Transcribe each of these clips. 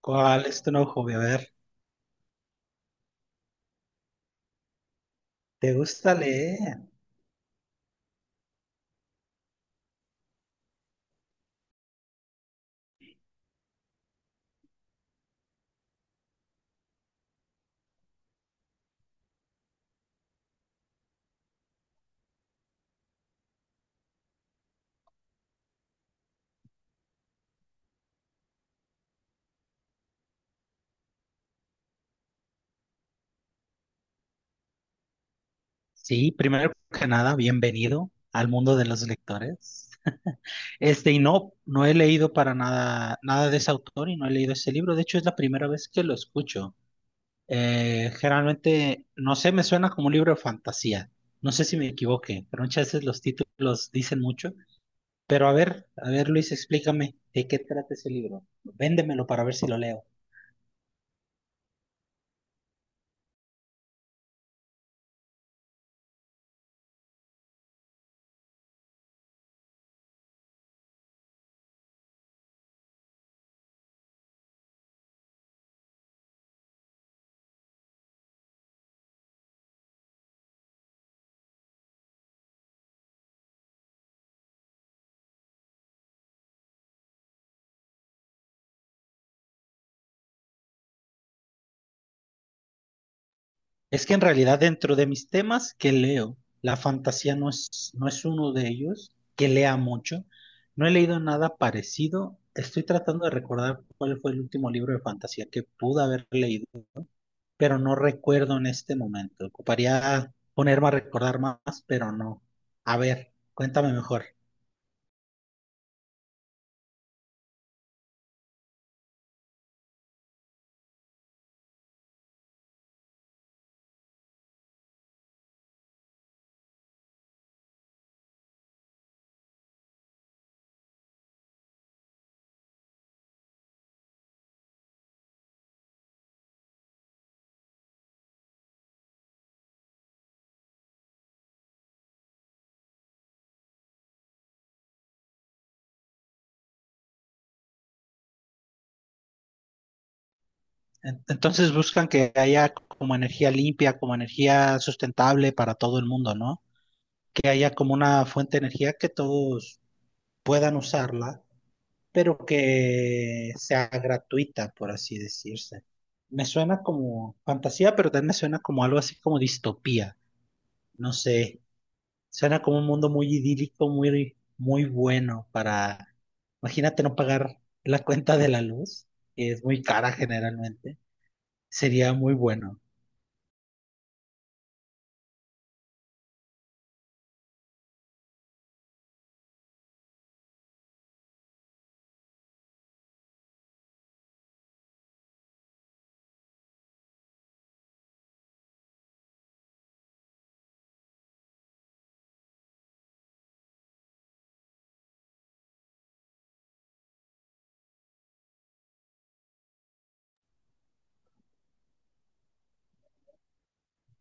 ¿Cuál es tu nuevo hobby? A ver, ¿te gusta leer? Sí, primero que nada, bienvenido al mundo de los lectores. Este, y no, no he leído para nada, nada de ese autor y no he leído ese libro. De hecho, es la primera vez que lo escucho. Generalmente, no sé, me suena como un libro de fantasía. No sé si me equivoqué, pero muchas veces los títulos dicen mucho. Pero a ver, Luis, explícame de qué trata ese libro. Véndemelo para ver si lo leo. Es que en realidad dentro de mis temas que leo, la fantasía no es uno de ellos, que lea mucho. No he leído nada parecido. Estoy tratando de recordar cuál fue el último libro de fantasía que pude haber leído, pero no recuerdo en este momento. Ocuparía ponerme a recordar más, pero no. A ver, cuéntame mejor. Entonces buscan que haya como energía limpia, como energía sustentable para todo el mundo, ¿no? Que haya como una fuente de energía que todos puedan usarla pero que sea gratuita, por así decirse. Me suena como fantasía, pero también me suena como algo así como distopía. No sé, suena como un mundo muy idílico, muy, muy bueno para, imagínate no pagar la cuenta de la luz, que es muy cara generalmente. Sería muy bueno.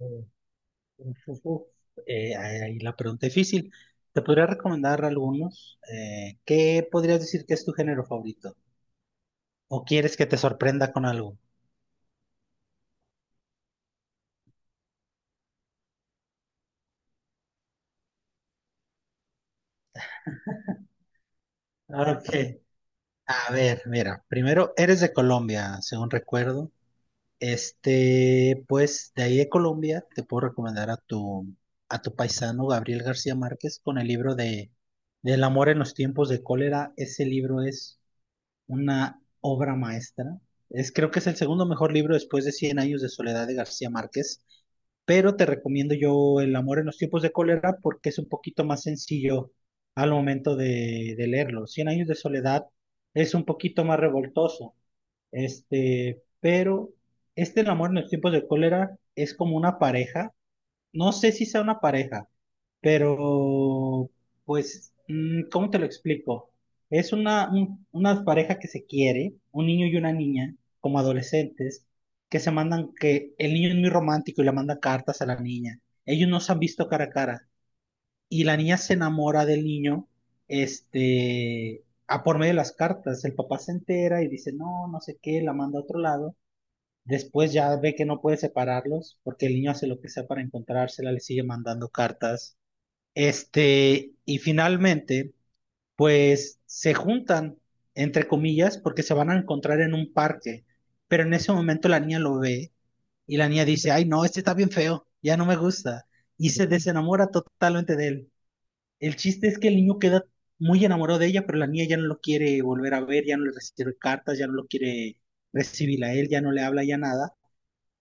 Eh, uf, uf, uf. Ahí la pregunta difícil. Te podría recomendar algunos. ¿Qué podrías decir que es tu género favorito? ¿O quieres que te sorprenda con algo? Ok, a ver, mira, primero eres de Colombia, según recuerdo. Este, pues de ahí de Colombia te puedo recomendar a tu paisano Gabriel García Márquez con el libro de Del amor en los tiempos de cólera. Ese libro es una obra maestra. Es, creo que es el segundo mejor libro después de Cien años de soledad de García Márquez, pero te recomiendo yo El amor en los tiempos de cólera porque es un poquito más sencillo al momento de leerlo. Cien años de soledad es un poquito más revoltoso, este, pero este El amor en los tiempos de cólera es como una pareja. No sé si sea una pareja, pero, pues, mm, ¿cómo te lo explico? Es una pareja que se quiere, un niño y una niña, como adolescentes, que se mandan, que el niño es muy romántico y le manda cartas a la niña. Ellos no se han visto cara a cara. Y la niña se enamora del niño, este, a por medio de las cartas. El papá se entera y dice, no, no sé qué, la manda a otro lado. Después ya ve que no puede separarlos porque el niño hace lo que sea para encontrársela, le sigue mandando cartas este, y finalmente, pues se juntan, entre comillas, porque se van a encontrar en un parque. Pero en ese momento la niña lo ve y la niña dice, ay, no, este está bien feo, ya no me gusta. Y se desenamora totalmente de él. El chiste es que el niño queda muy enamorado de ella, pero la niña ya no lo quiere volver a ver, ya no le recibe cartas, ya no lo quiere recibir a él, ya no le habla, ya nada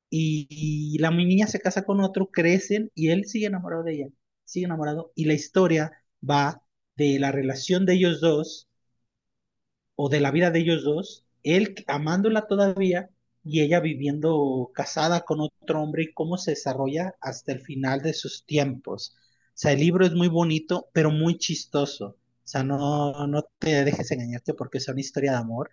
y la niña se casa con otro, crecen y él sigue enamorado de ella, sigue enamorado y la historia va de la relación de ellos dos o de la vida de ellos dos, él amándola todavía y ella viviendo casada con otro hombre y cómo se desarrolla hasta el final de sus tiempos. O sea, el libro es muy bonito, pero muy chistoso. O sea, no, no te dejes engañarte porque es una historia de amor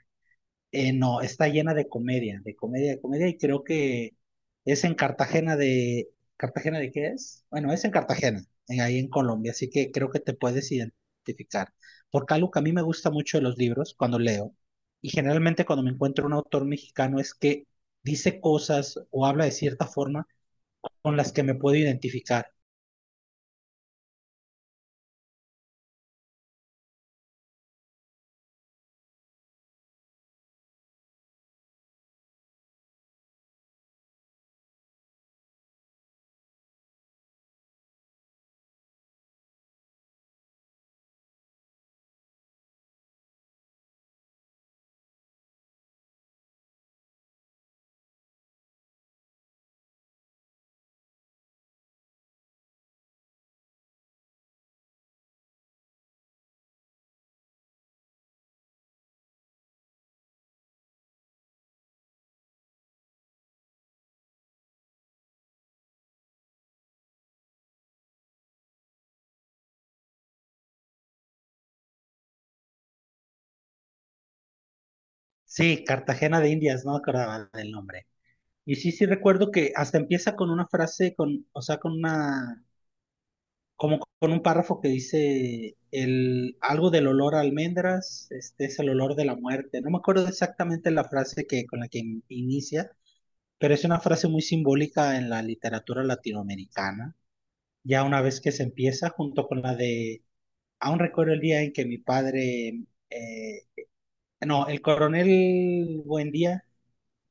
no, está llena de comedia, de comedia, de comedia, y creo que es en ¿Cartagena de qué es? Bueno, es en Cartagena, en, ahí en Colombia, así que creo que te puedes identificar. Porque algo que a mí me gusta mucho de los libros, cuando leo, y generalmente cuando me encuentro un autor mexicano, es que dice cosas o habla de cierta forma con las que me puedo identificar. Sí, Cartagena de Indias, no me acordaba del nombre. Y sí, sí recuerdo que hasta empieza con una frase, con, o sea, con una como con un párrafo que dice el, algo del olor a almendras, este es el olor de la muerte. No me acuerdo exactamente la frase que, con la que inicia, pero es una frase muy simbólica en la literatura latinoamericana. Ya una vez que se empieza, junto con la de, aún recuerdo el día en que mi padre, eh, no, el coronel Buendía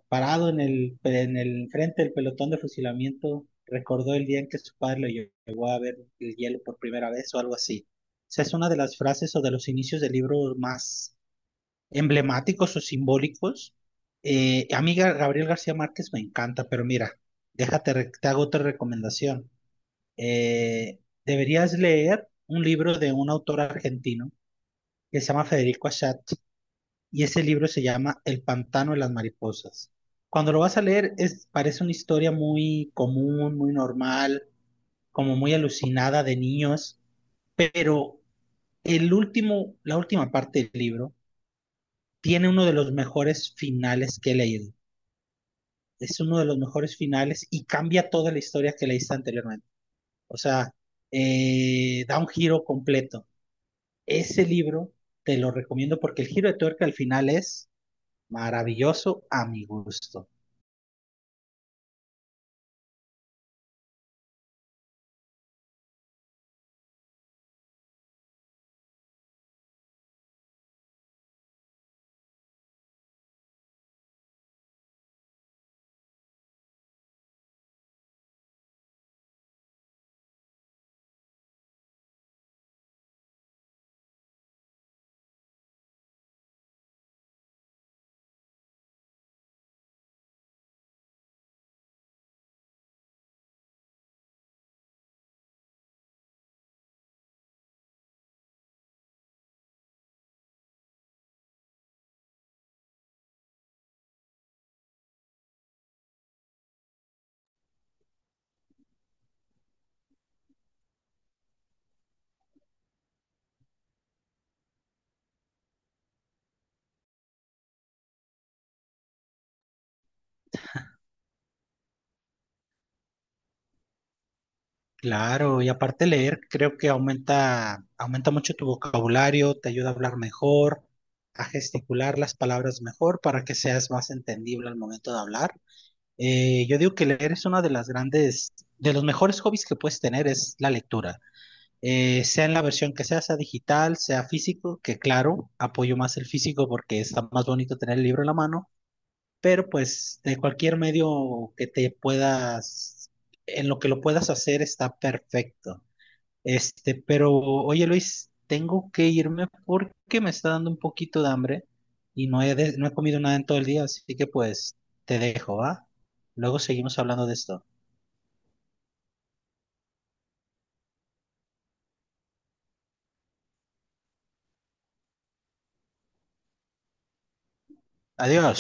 Parado en el frente del pelotón de fusilamiento, recordó el día en que su padre lo llevó a ver el hielo por primera vez o algo así. O es una de las frases o de los inicios del libro más emblemáticos o simbólicos. A mí Gabriel García Márquez me encanta, pero mira, déjate, te hago otra recomendación. Eh, Deberías leer un libro de un autor argentino que se llama Federico Achat, y ese libro se llama El pantano de las mariposas. Cuando lo vas a leer, es, parece una historia muy común, muy normal, como muy alucinada de niños, pero el último, la última parte del libro tiene uno de los mejores finales que he leído. Es uno de los mejores finales y cambia toda la historia que leíste anteriormente. O sea, da un giro completo. Ese libro te lo recomiendo porque el giro de tuerca al final es maravilloso a mi gusto. Claro, y aparte leer creo que aumenta, aumenta mucho tu vocabulario, te ayuda a hablar mejor, a gesticular las palabras mejor para que seas más entendible al momento de hablar. Yo digo que leer es una de las grandes, de los mejores hobbies que puedes tener es la lectura. Sea en la versión que sea, sea digital, sea físico, que claro, apoyo más el físico porque está más bonito tener el libro en la mano, pero pues de cualquier medio que te puedas, en lo que lo puedas hacer está perfecto. Este, pero oye Luis, tengo que irme porque me está dando un poquito de hambre y no he, no he comido nada en todo el día, así que pues te dejo, ¿va? Luego seguimos hablando de esto. Adiós.